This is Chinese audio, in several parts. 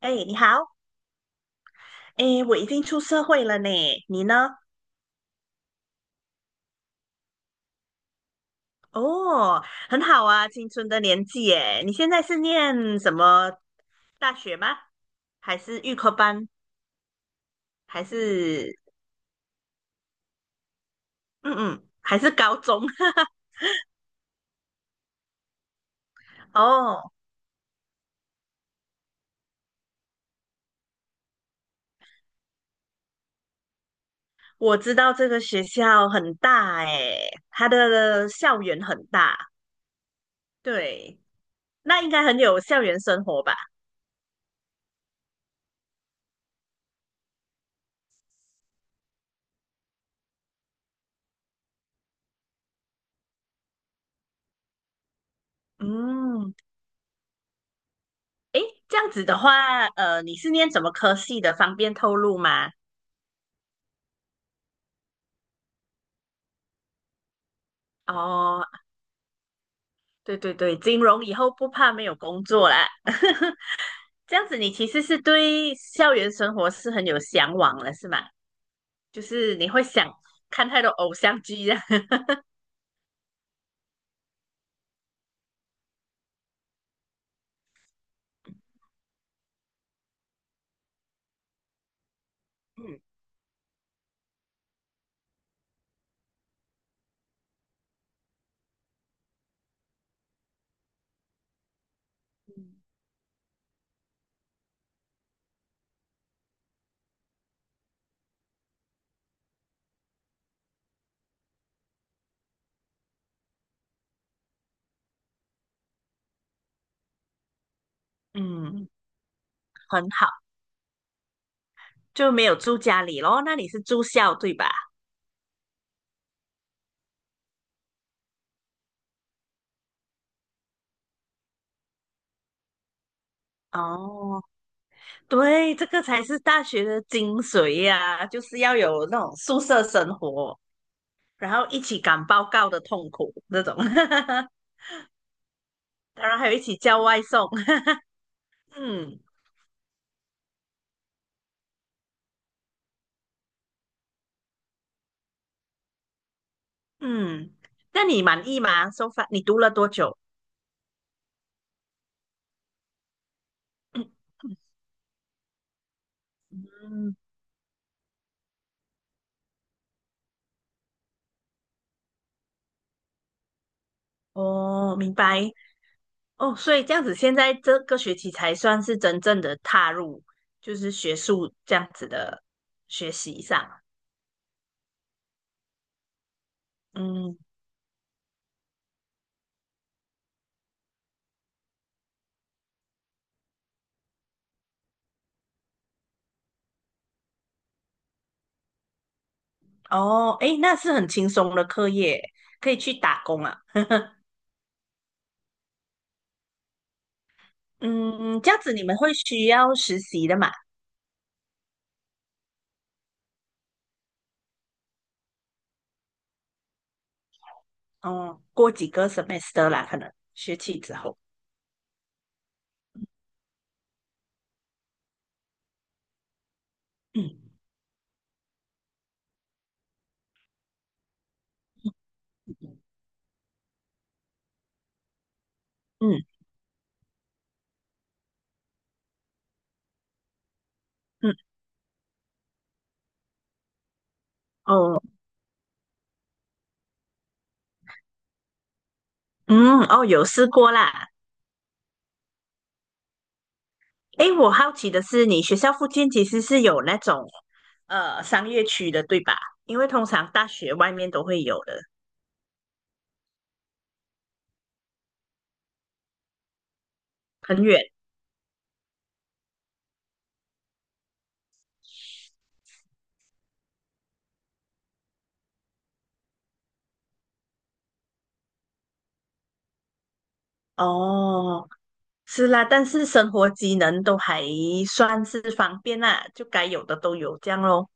哎，你好，哎，我已经出社会了呢，你呢？哦，很好啊，青春的年纪耶。你现在是念什么大学吗？还是预科班？还是嗯嗯，还是高中？哦，我知道这个学校很大哎，它的校园很大，对，那应该很有校园生活吧？嗯，哎，这样子的话，你是念什么科系的？方便透露吗？哦，对对对，金融以后不怕没有工作啦。这样子，你其实是对校园生活是很有向往了，是吗？就是你会想看太多偶像剧啊。嗯嗯，嗯，很好，就没有住家里咯。那你是住校对吧？哦，对，这个才是大学的精髓呀、就是要有那种宿舍生活，然后一起赶报告的痛苦那种，当然还有一起叫外送。嗯，嗯，那你满意吗？So far，你读了多久？嗯，哦，明白。哦，所以这样子，现在这个学期才算是真正的踏入，就是学术这样子的学习上。嗯，哦，诶，那是很轻松的课业，可以去打工啊。嗯，这样子你们会需要实习的嘛？哦，过几个 semester 啦，可能学期之后。嗯嗯嗯，嗯哦嗯哦，有试过啦。哎，我好奇的是，你学校附近其实是有那种商业区的，对吧？因为通常大学外面都会有的，很远。哦，是啦，但是生活机能都还算是方便啦，就该有的都有，这样咯，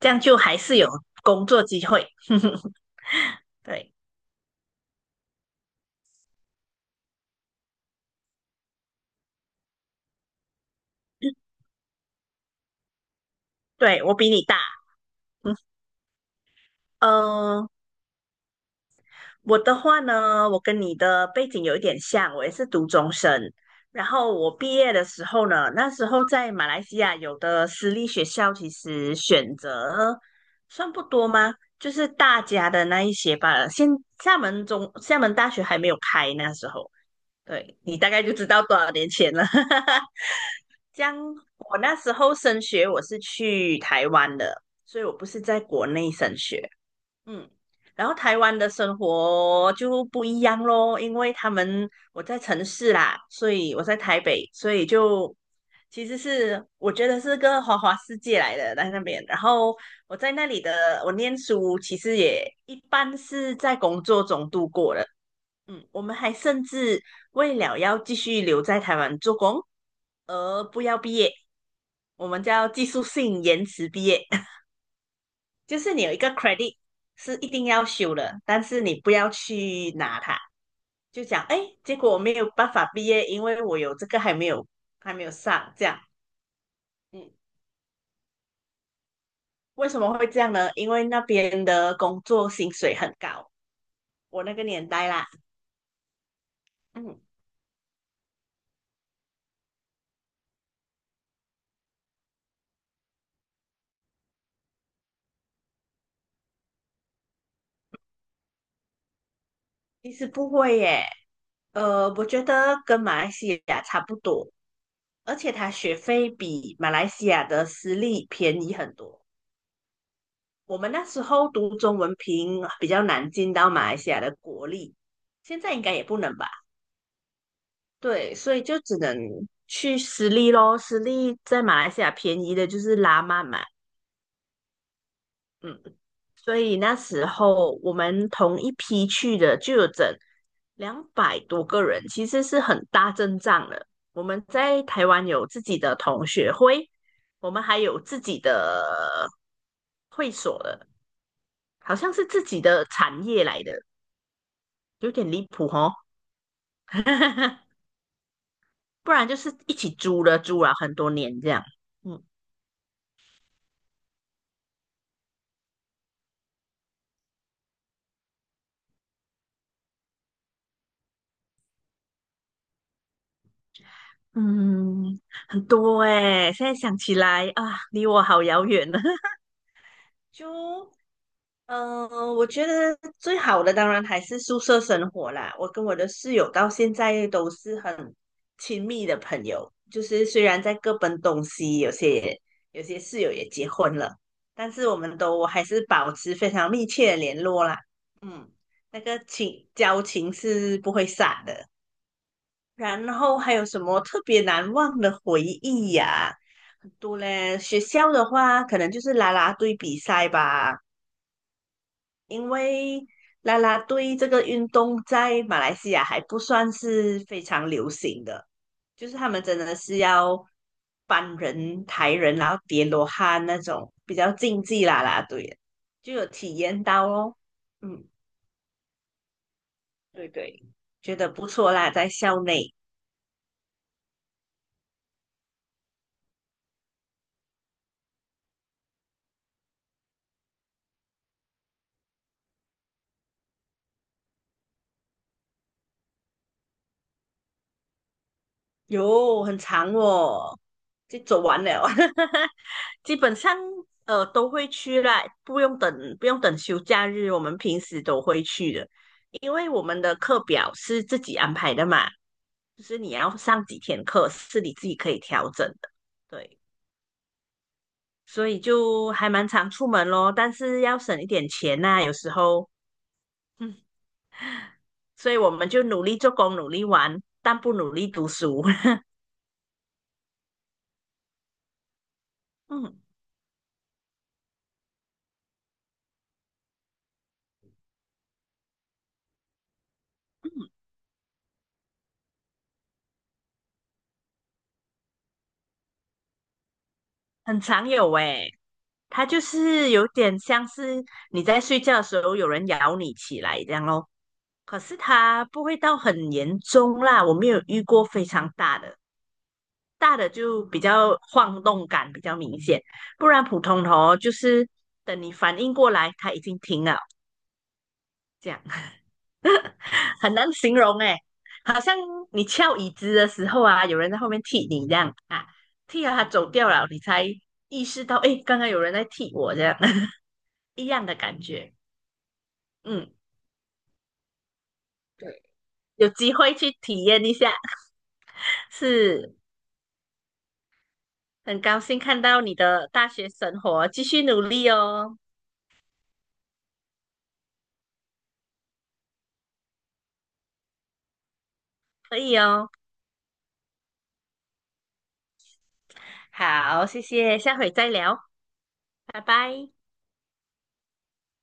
这样就还是有工作机会。对，嗯对，我比你大。嗯，我的话呢，我跟你的背景有一点像，我也是读中生。然后我毕业的时候呢，那时候在马来西亚有的私立学校其实选择算不多吗？就是大家的那一些吧。现厦门大学还没有开，那时候，对，你大概就知道多少年前了。这样，我那时候升学我是去台湾的，所以我不是在国内升学。嗯，然后台湾的生活就不一样咯，因为我在城市啦，所以我在台北，所以就其实是我觉得是个花花世界来的在那边。然后我在那里的我念书，其实也一般是在工作中度过的。嗯，我们还甚至为了要继续留在台湾做工而不要毕业，我们叫技术性延迟毕业。就是你有一个 credit 是一定要修的，但是你不要去拿它，就讲哎，结果我没有办法毕业，因为我有这个还没有上，这样，嗯，为什么会这样呢？因为那边的工作薪水很高，我那个年代啦，嗯，其实不会耶，我觉得跟马来西亚差不多，而且它学费比马来西亚的私立便宜很多。我们那时候读中文凭比较难进到马来西亚的国立，现在应该也不能吧？对，所以就只能去私立咯。私立在马来西亚便宜的就是拉曼嘛，嗯，所以那时候我们同一批去的就有整200多个人，其实是很大阵仗的。我们在台湾有自己的同学会，我们还有自己的会所的，好像是自己的产业来的。有点离谱哦，不然就是一起租了很多年这样。嗯嗯，很多哎、现在想起来啊，离我好遥远呢。就嗯，我觉得最好的当然还是宿舍生活啦。我跟我的室友到现在都是很亲密的朋友，就是虽然在各奔东西，有些室友也结婚了，但是我们都还是保持非常密切的联络啦。嗯，那个情交情是不会散的。然后还有什么特别难忘的回忆呀、很多嘞。学校的话，可能就是啦啦队比赛吧。因为啦啦队这个运动在马来西亚还不算是非常流行的，就是他们真的是要搬人、抬人，然后叠罗汉那种比较竞技啦啦队，就有体验到哦。嗯，对对。觉得不错啦，在校内。有很长哦，就走完了，基本上都会去啦，不用等休假日，我们平时都会去的，因为我们的课表是自己安排的嘛，就是你要上几天课是你自己可以调整的，对，所以就还蛮常出门咯，但是要省一点钱呐、有时候，嗯，所以我们就努力做工，努力玩，但不努力读书，嗯，嗯很常有诶、它就是有点像是你在睡觉的时候有人咬你起来这样咯。可是它不会到很严重啦，我没有遇过非常大的，大的就比较晃动感比较明显，不然普通的哦，就是等你反应过来，它已经停了，这样 很难形容诶，好像你翘椅子的时候啊，有人在后面踢你这样啊，踢了它走掉了，你才意识到，诶，刚刚有人在踢我这样 一样的感觉，嗯。对。有机会去体验一下，是很高兴看到你的大学生活，继续努力哦，可以哦，好，谢谢，下回再聊，拜拜。